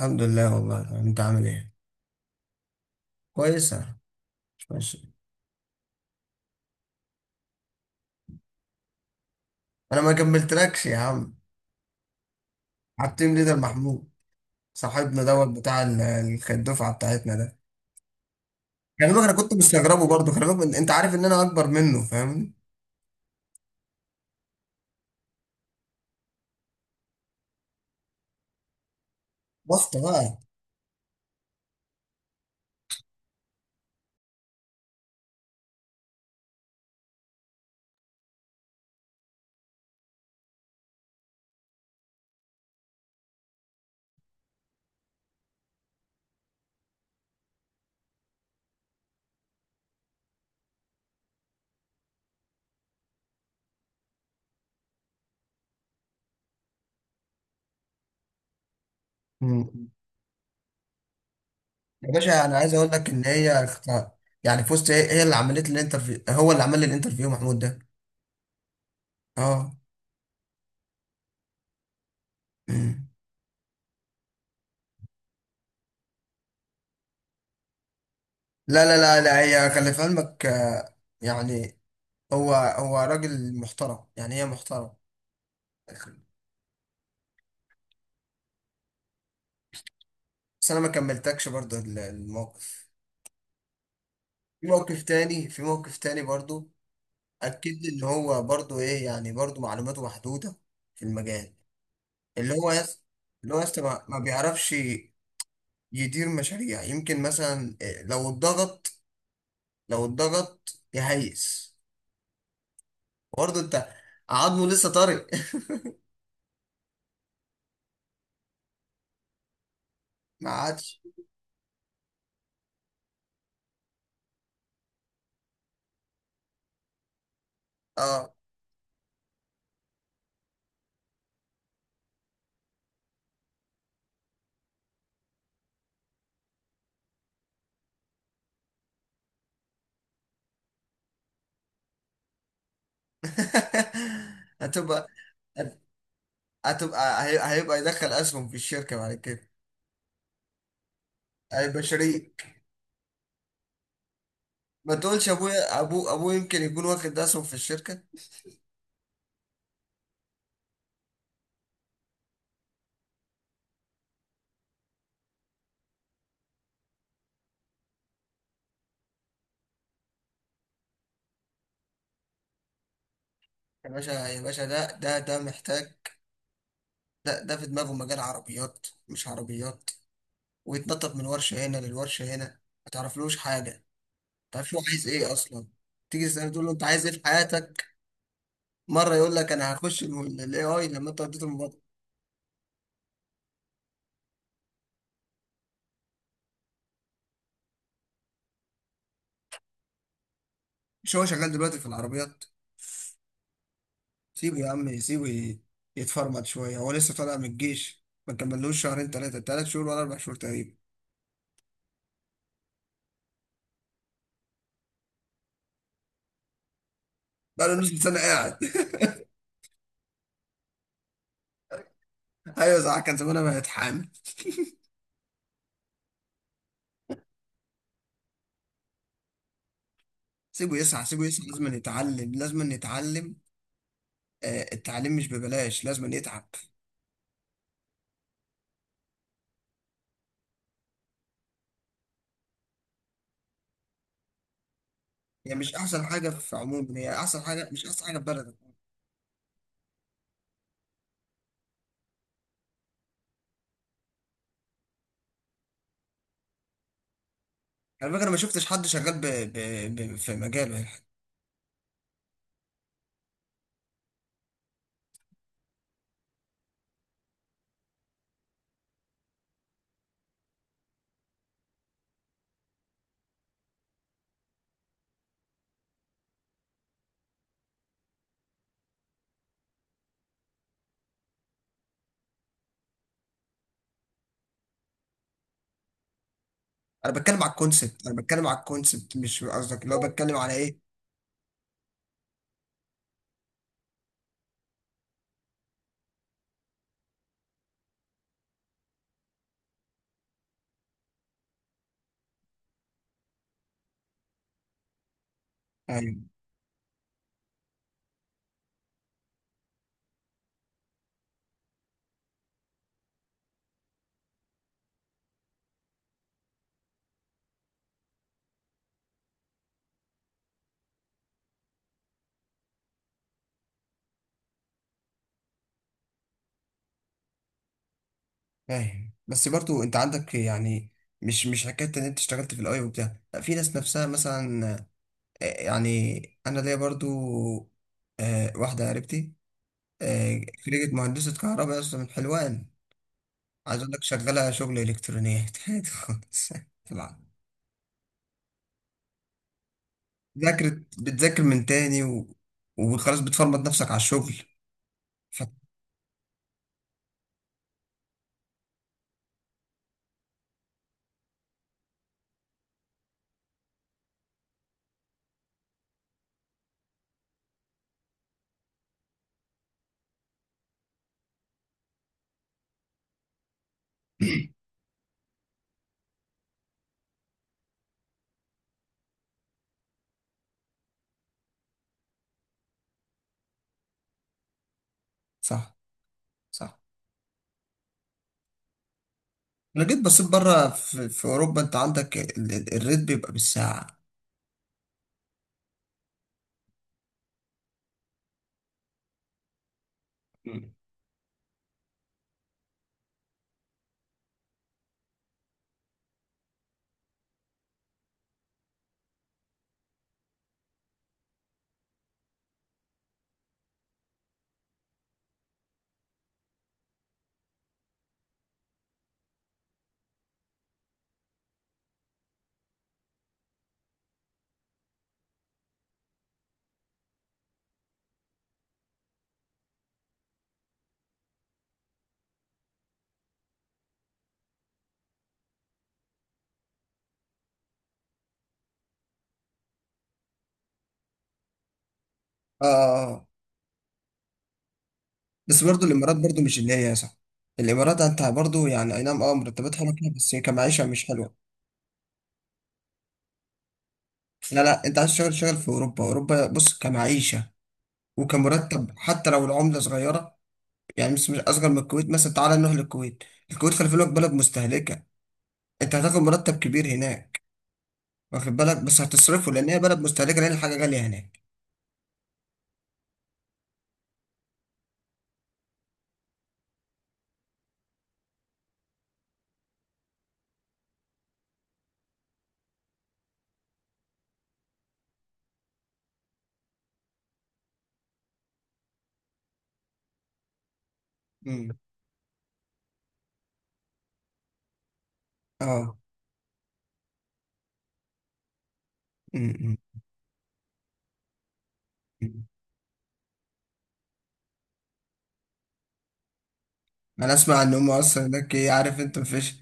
الحمد لله. والله انت عامل ايه؟ كويسه. مش ماشي. انا ما كملتلكش يا عم، على التيم ليدر محمود صاحبنا دوت بتاع الدفعه بتاعتنا ده. خلي بالك انا كنت مستغربه برضه، خلي بالك انت عارف ان انا اكبر منه، فاهمني؟ ضغط بقى. مم. يا باشا انا عايز اقول لك ان يعني فزت، هي اللي عملت لي الانترفيو، هو اللي عمل لي الانترفيو محمود ده. اه. مم. لا لا لا لا، هي خلي في علمك آه، يعني هو راجل محترم، يعني هي محترم. بس انا ما كملتكش برضه الموقف. في موقف تاني، في موقف تاني برضه. اكد لي ان هو برضه ايه، يعني برضه معلوماته محدوده في المجال، اللي هو يس. اللي هو يس ما بيعرفش يدير مشاريع، يمكن مثلا إيه، لو اتضغط، لو اتضغط يهيس. برضه انت، عظمه لسه طري. ما عادش. اه. هتبقى، هتبقى هيبقى يدخل اسهم في الشركه بعد كده. هيبقى شريك. ما تقولش، ابويا ابوه يمكن يكون واخد اسهم في الشركه. يا باشا يا باشا، ده محتاج، ده ده في دماغه مجال عربيات مش عربيات، ويتنطط من ورشه هنا للورشه هنا. ما تعرفلوش حاجه، ما تعرفش هو عايز ايه اصلا. تيجي تسأله تقول له انت عايز ايه في حياتك، مره يقول لك انا هخش الاي اي لما انت وديته المبادره. مش هو شغال دلوقتي في العربيات؟ سيبه يا عم، يتفرمط شويه، هو لسه طالع من الجيش، ما كملوش شهرين، ثلاثه، ثلاث شهور ولا اربع شهور تقريبا. بقى له نص سنه قاعد. ايوه صح، كان زمانها بقت حامل. سيبه يسعى، سيبه يسعى، لازم يتعلم. آه، التعليم مش ببلاش، لازم يتعب. هي مش احسن حاجه في عموم، هي احسن حاجه، مش احسن حاجه في بلدك. على فكره انا ما شفتش حد شغال في مجاله يعني. انا بتكلم على الكونسبت، انا بتكلم على الكونسبت، مش قصدك اللي هو بتكلم على ايه. ايوه. فاهم، بس برضو انت عندك يعني، مش حكايه ان انت اشتغلت في الاي وبتاع، لا في ناس نفسها مثلا آه، يعني انا ليا برضو آه، واحده قريبتي آه، خريجة مهندسة كهرباء أصلا من حلوان. عايز أقول لك شغالة شغل إلكترونيات عادي خالص. طبعا. ذاكرت، بتذاكر من تاني و... وخلاص، بتفرمط نفسك على الشغل. ف... صح. صح. أنا جيت بصيت بره في أوروبا، أنت عندك الريت بيبقى بالساعة. مم. آه آه، آه. بس برضو الإمارات، برضو مش اللي هي صح. الإمارات أنت برضو يعني أي نعم، أه مرتبات حلوة فيها، بس هي كمعيشة مش حلوة. لا لا، أنت عايز تشتغل شغل في أوروبا. أوروبا بص كمعيشة، وكان مرتب حتى لو العملة صغيرة، يعني مش أصغر من الكويت مثلا. تعالى نروح للكويت، الكويت خلي بالك بلد مستهلكة، أنت هتاخد مرتب كبير هناك، واخد بالك، بس هتصرفه لأن هي بلد مستهلكة، لأن الحاجة غالية هناك. مم. اه. أمم. أمم. أنا أسمع إن هم أصلا هناك إيه، عارف أنت، مفيش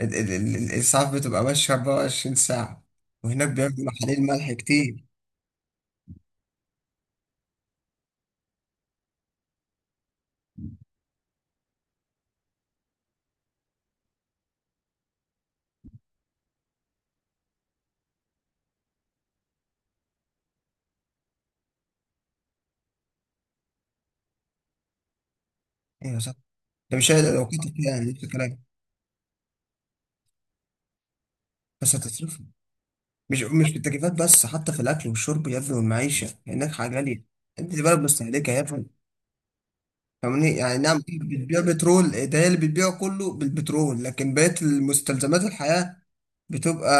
الإسعاف بتبقى ماشية 24 ساعة، وهناك بياكلوا حليب ملح كتير. ايوه صح. ده مش هيقدر لو كنت فيها يعني نفس الكلام. بس هتصرف، مش في التكليفات بس، حتى في الاكل والشرب يا ابني والمعيشه، لانك حاجه غاليه. انت دي بلد مستهلكه يا ابني، فاهمني؟ يعني نعم في بتبيع بترول، ده هي اللي بتبيعه كله بالبترول، لكن بقية المستلزمات الحياة بتبقى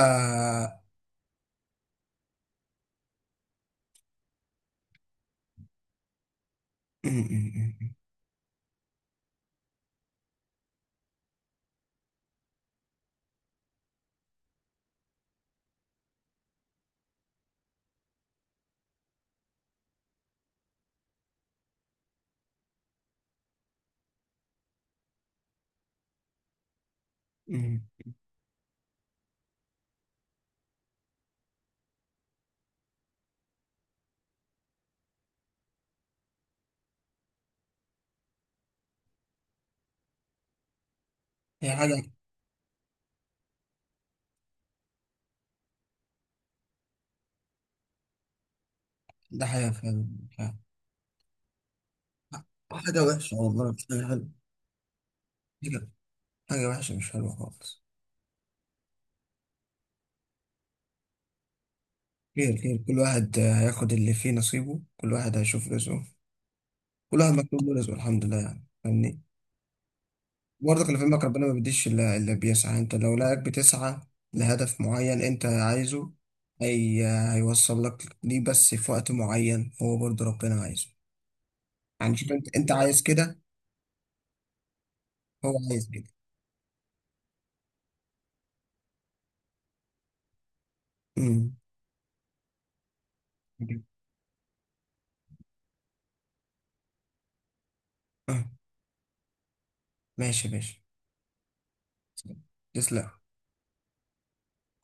م- م- م- م. هي حاجة. ده حاجة فعلا، فعلا. حاجة وحشة والله، مش حاجة حلوة. حاجة، حاجة وحشة، مش حلوة خالص. خير خير، كل واحد آه، هياخد اللي فيه نصيبه، كل واحد هيشوف رزقه، كل واحد مكتوب له رزقه الحمد لله، يعني فاهمني. برضه خلي في علمك، ربنا ما بيديش إلا اللي بيسعى. أنت لو لقاك بتسعى لهدف معين أنت عايزه، هي هيوصل لك ليه، بس في وقت معين هو برضه ربنا عايزه. يعني شوف أنت، أنت عايز كده، هو عايز كده. امم. آه، ماشي يا باشا، تسلم.